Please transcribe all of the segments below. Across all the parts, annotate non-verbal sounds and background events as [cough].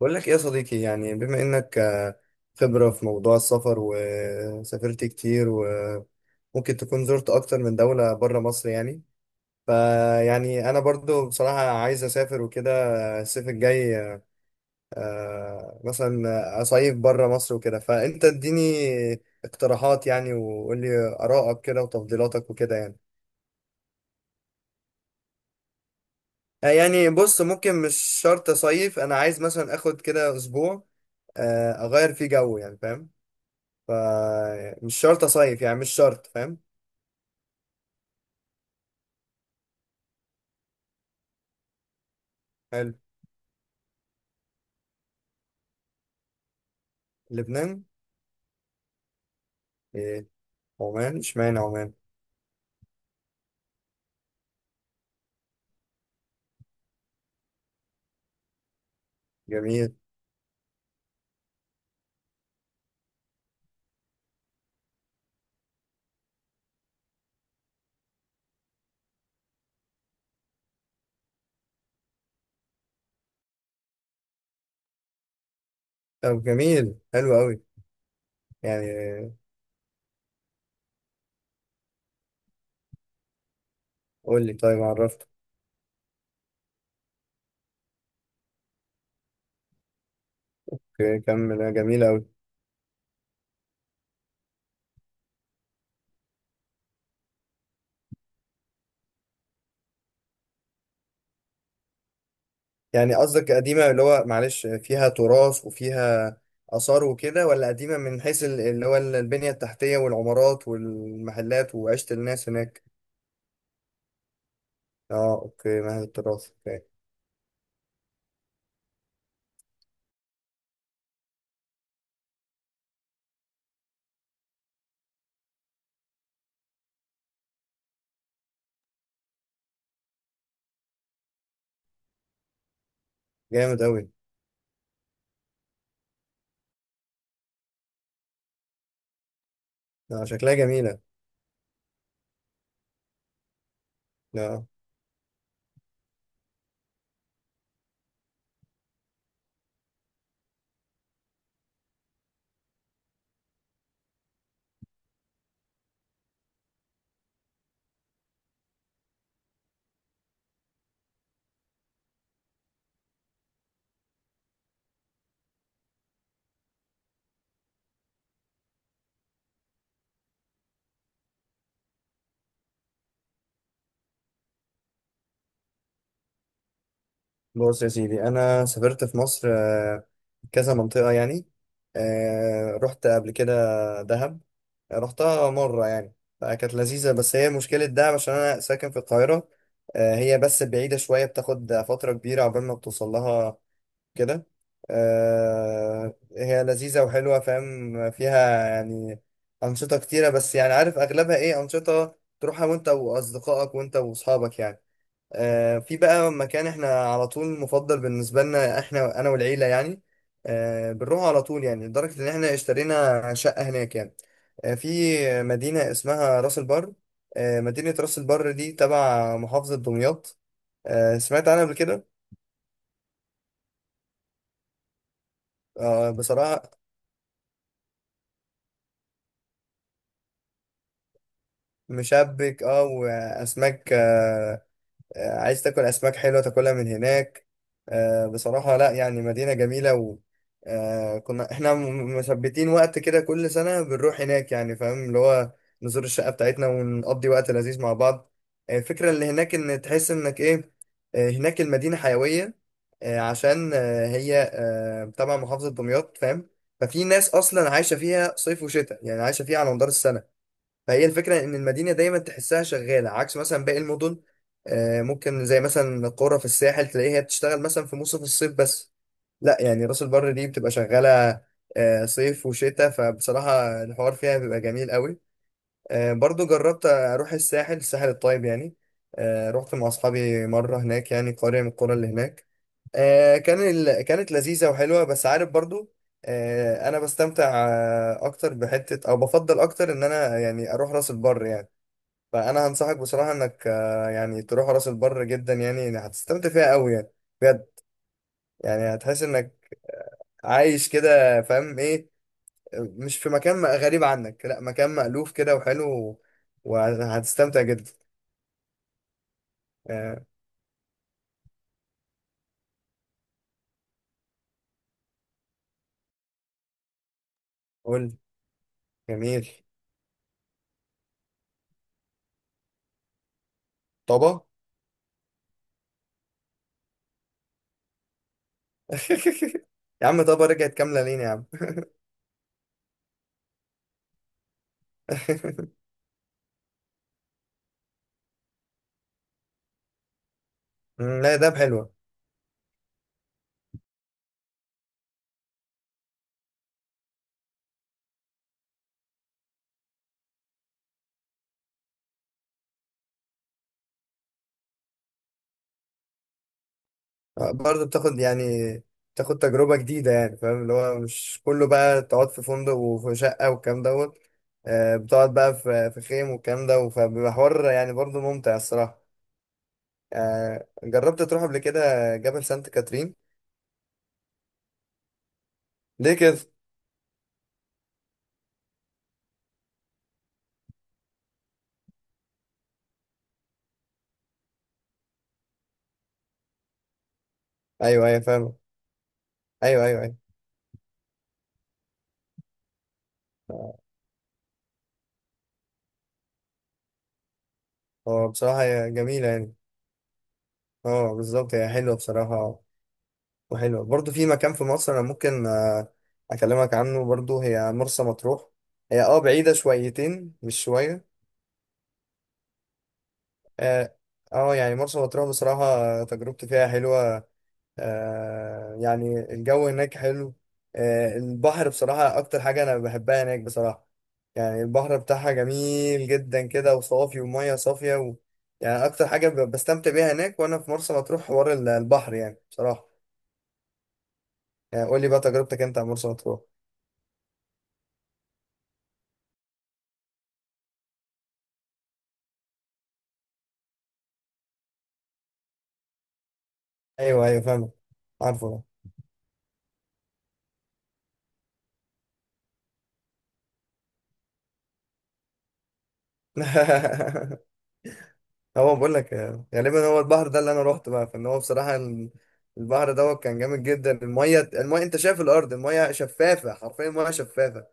بقول لك ايه يا صديقي؟ يعني بما انك خبرة في موضوع السفر وسافرت كتير وممكن تكون زرت اكتر من دولة بره مصر يعني. فيعني انا برضو بصراحة عايز اسافر وكده الصيف الجاي. مثلا اصيف بره مصر وكده، فانت اديني اقتراحات يعني، وقول لي ارائك كده وتفضيلاتك وكده يعني. يعني بص، ممكن مش شرط اصيف، انا عايز مثلا اخد كده اسبوع اغير فيه جو يعني، فاهم؟ فمش شرط أصيف يعني، مش شرط، فاهم؟ حلو. لبنان. إيه؟ عمان؟ اشمعنى عمان؟ جميل. طب جميل حلو أوي. يعني قول لي طيب عرفت. كمل، جميل أوي. يعني قصدك قديمة اللي هو معلش فيها تراث وفيها آثار وكده، ولا قديمة من حيث اللي هو البنية التحتية والعمارات والمحلات وعيشة الناس هناك؟ اه، اوكي، مهد التراث، اوكي. جامد أوي. شكلها جميلة. لا. بص يا سيدي، انا سافرت في مصر كذا منطقه يعني. رحت قبل كده دهب. رحتها مره يعني. فكانت لذيذه، بس هي مشكله دهب عشان انا ساكن في القاهره. هي بس بعيده شويه، بتاخد فتره كبيره عقبال ما بتوصل لها كده. هي لذيذه وحلوه، فاهم فيها يعني انشطه كتيره، بس يعني عارف اغلبها ايه؟ انشطه تروحها وانت واصدقائك وانت واصحابك يعني. في بقى مكان احنا على طول مفضل بالنسبة لنا، احنا انا والعيلة يعني. بنروح على طول يعني، لدرجة ان احنا اشترينا شقة هناك يعني. في مدينة اسمها راس البر. مدينة راس البر دي تبع محافظة دمياط. سمعت عنها قبل كده. بصراحة. مشبك، اه، واسماك عايز تاكل اسماك حلوه تاكلها من هناك. بصراحه لا، يعني مدينه جميله. و كنا احنا مثبتين وقت كده، كل سنه بنروح هناك يعني، فاهم اللي هو نزور الشقه بتاعتنا ونقضي وقت لذيذ مع بعض. الفكره اللي هناك ان تحس انك ايه. هناك المدينه حيويه عشان هي تبع محافظه دمياط، فاهم. ففي ناس اصلا عايشه فيها صيف وشتاء يعني، عايشه فيها على مدار السنه. فهي الفكرة إن المدينة دايما تحسها شغالة عكس مثلا باقي المدن. ممكن زي مثلا القرى في الساحل تلاقيها بتشتغل مثلا في موسم الصيف بس. لا يعني راس البر دي بتبقى شغالة صيف وشتاء، فبصراحة الحوار فيها بيبقى جميل قوي. برضو جربت أروح الساحل الطيب يعني. رحت مع أصحابي مرة هناك يعني، قرية من القرى اللي هناك. كانت لذيذة وحلوة، بس عارف برضو أنا بستمتع أكتر بحتة، أو بفضل أكتر إن أنا يعني أروح راس البر يعني. فانا هنصحك بصراحه انك يعني تروح راس البر جدا يعني، يعني هتستمتع فيها قوي يعني، بجد. يعني هتحس انك عايش كده، فاهم ايه، مش في مكان غريب عنك، لا، مكان مألوف كده وحلو، وهتستمتع جدا. آه، قول. جميل. طبا. [laughs] يا عم طبا رجعت كامله لين يا عم. [laughs] لا، دهب حلوه. برضه بتاخد يعني، بتاخد تجربة جديدة يعني، فاهم اللي هو مش كله بقى تقعد في فندق وفي شقة والكلام دوت. بتقعد بقى في خيم والكلام ده، فبيبقى حوار يعني برضه ممتع الصراحة. جربت تروح قبل كده جبل سانت كاترين؟ ليه كده؟ أيوه أيوه فاهم. أيوه أيوه. أيوه. هو بصراحة هي جميلة يعني. اه بالظبط، هي حلوة بصراحة. وحلوة برضه في مكان في مصر أنا ممكن أكلمك عنه برضه، هي مرسى مطروح. هي اه بعيدة شويتين، مش شوية. اه. يعني مرسى مطروح بصراحة تجربتي فيها حلوة. آه يعني الجو هناك حلو. آه البحر بصراحة، أكتر حاجة أنا بحبها هناك بصراحة. يعني البحر بتاعها جميل جدا كده وصافي ومية صافية و... يعني أكتر حاجة بستمتع بيها هناك وأنا في مرسى مطروح، حوار البحر يعني بصراحة. يعني قول لي بقى تجربتك أنت عن مرسى مطروح. أيوه أيوه فاهمك. عارفه. [laughs] هو بقول لك غالبا هو البحر ده اللي انا روحته بقى، فان هو بصراحه البحر دوت كان جامد جدا. الميه، انت شايف الارض، الميه شفافه، حرفيا الميه شفافه.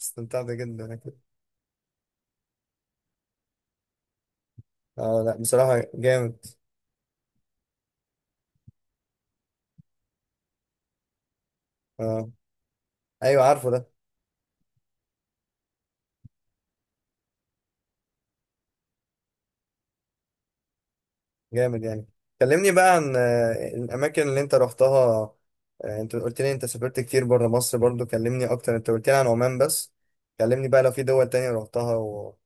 استمتعت جدا انا كده. اه لا بصراحه جامد. اه ايوه عارفه ده. جامد يعني. كلمني بقى عن الاماكن اللي انت روحتها. انت قلت لي انت سافرت كتير بره مصر برضو، كلمني اكتر، انت قلت لي عن عمان بس، كلمني بقى لو في دول تانية روحتها و...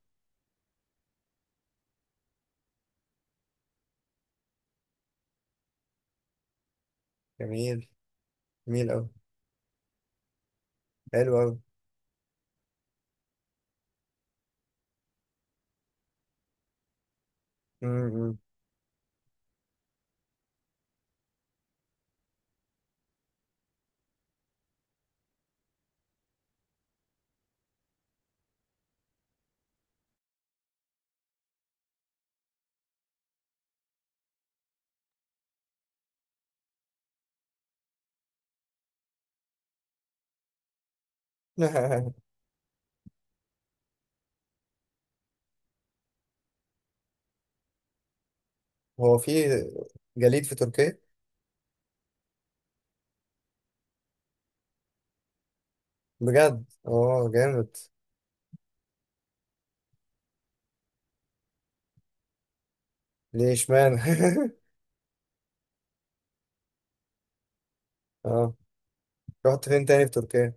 جميل. جميل قوي. حلو قوي. [laughs] هو في جليد في تركيا؟ بجد. اه جامد. ليه اشمعنى؟ [laughs] اه رحت فين تاني في تركيا؟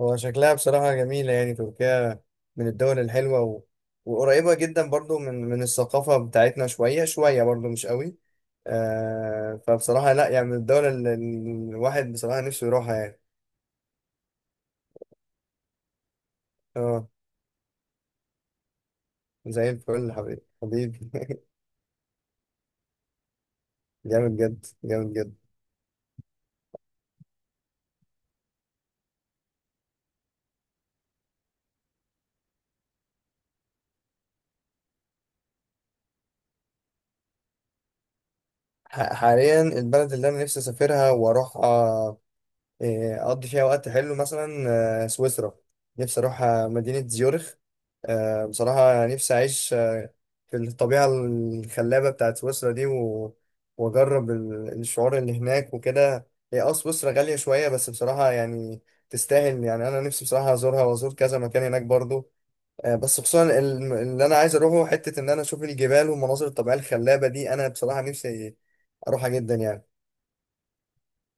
هو شكلها بصراحة جميلة يعني، تركيا من الدول الحلوة و... وقريبة جدا برضو من الثقافة بتاعتنا شوية شوية، برضو مش قوي. آه فبصراحة لا يعني من الدول اللي الواحد بصراحة نفسه يروحها يعني. اه زي الفل. حبيبي حبيبي. [laughs] جامد جد جامد جد. حاليا البلد اللي انا نفسي اسافرها واروحها، اقضي فيها وقت حلو مثلا سويسرا. نفسي اروح مدينة زيورخ. بصراحة نفسي اعيش في الطبيعة الخلابة بتاعت سويسرا دي و... واجرب الشعور اللي هناك وكده. هي اه سويسرا غالية شوية بس بصراحة يعني تستاهل يعني. انا نفسي بصراحة ازورها وازور كذا مكان هناك برضو. بس خصوصا اللي انا عايز اروحه حتة ان انا اشوف الجبال والمناظر الطبيعية الخلابة دي، انا بصراحة نفسي اروحها جدا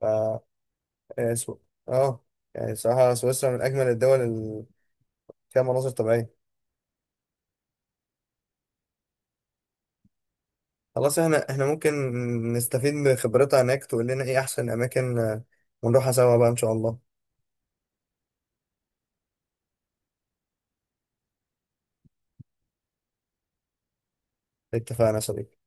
يعني. آه، سو... اه. يعني صراحة سويسرا من أجمل الدول اللي فيها مناظر طبيعية. خلاص، احنا ممكن نستفيد من خبرتها هناك، تقول لنا ايه أحسن أماكن ونروحها سوا بقى إن شاء الله. اتفقنا يا صديقي.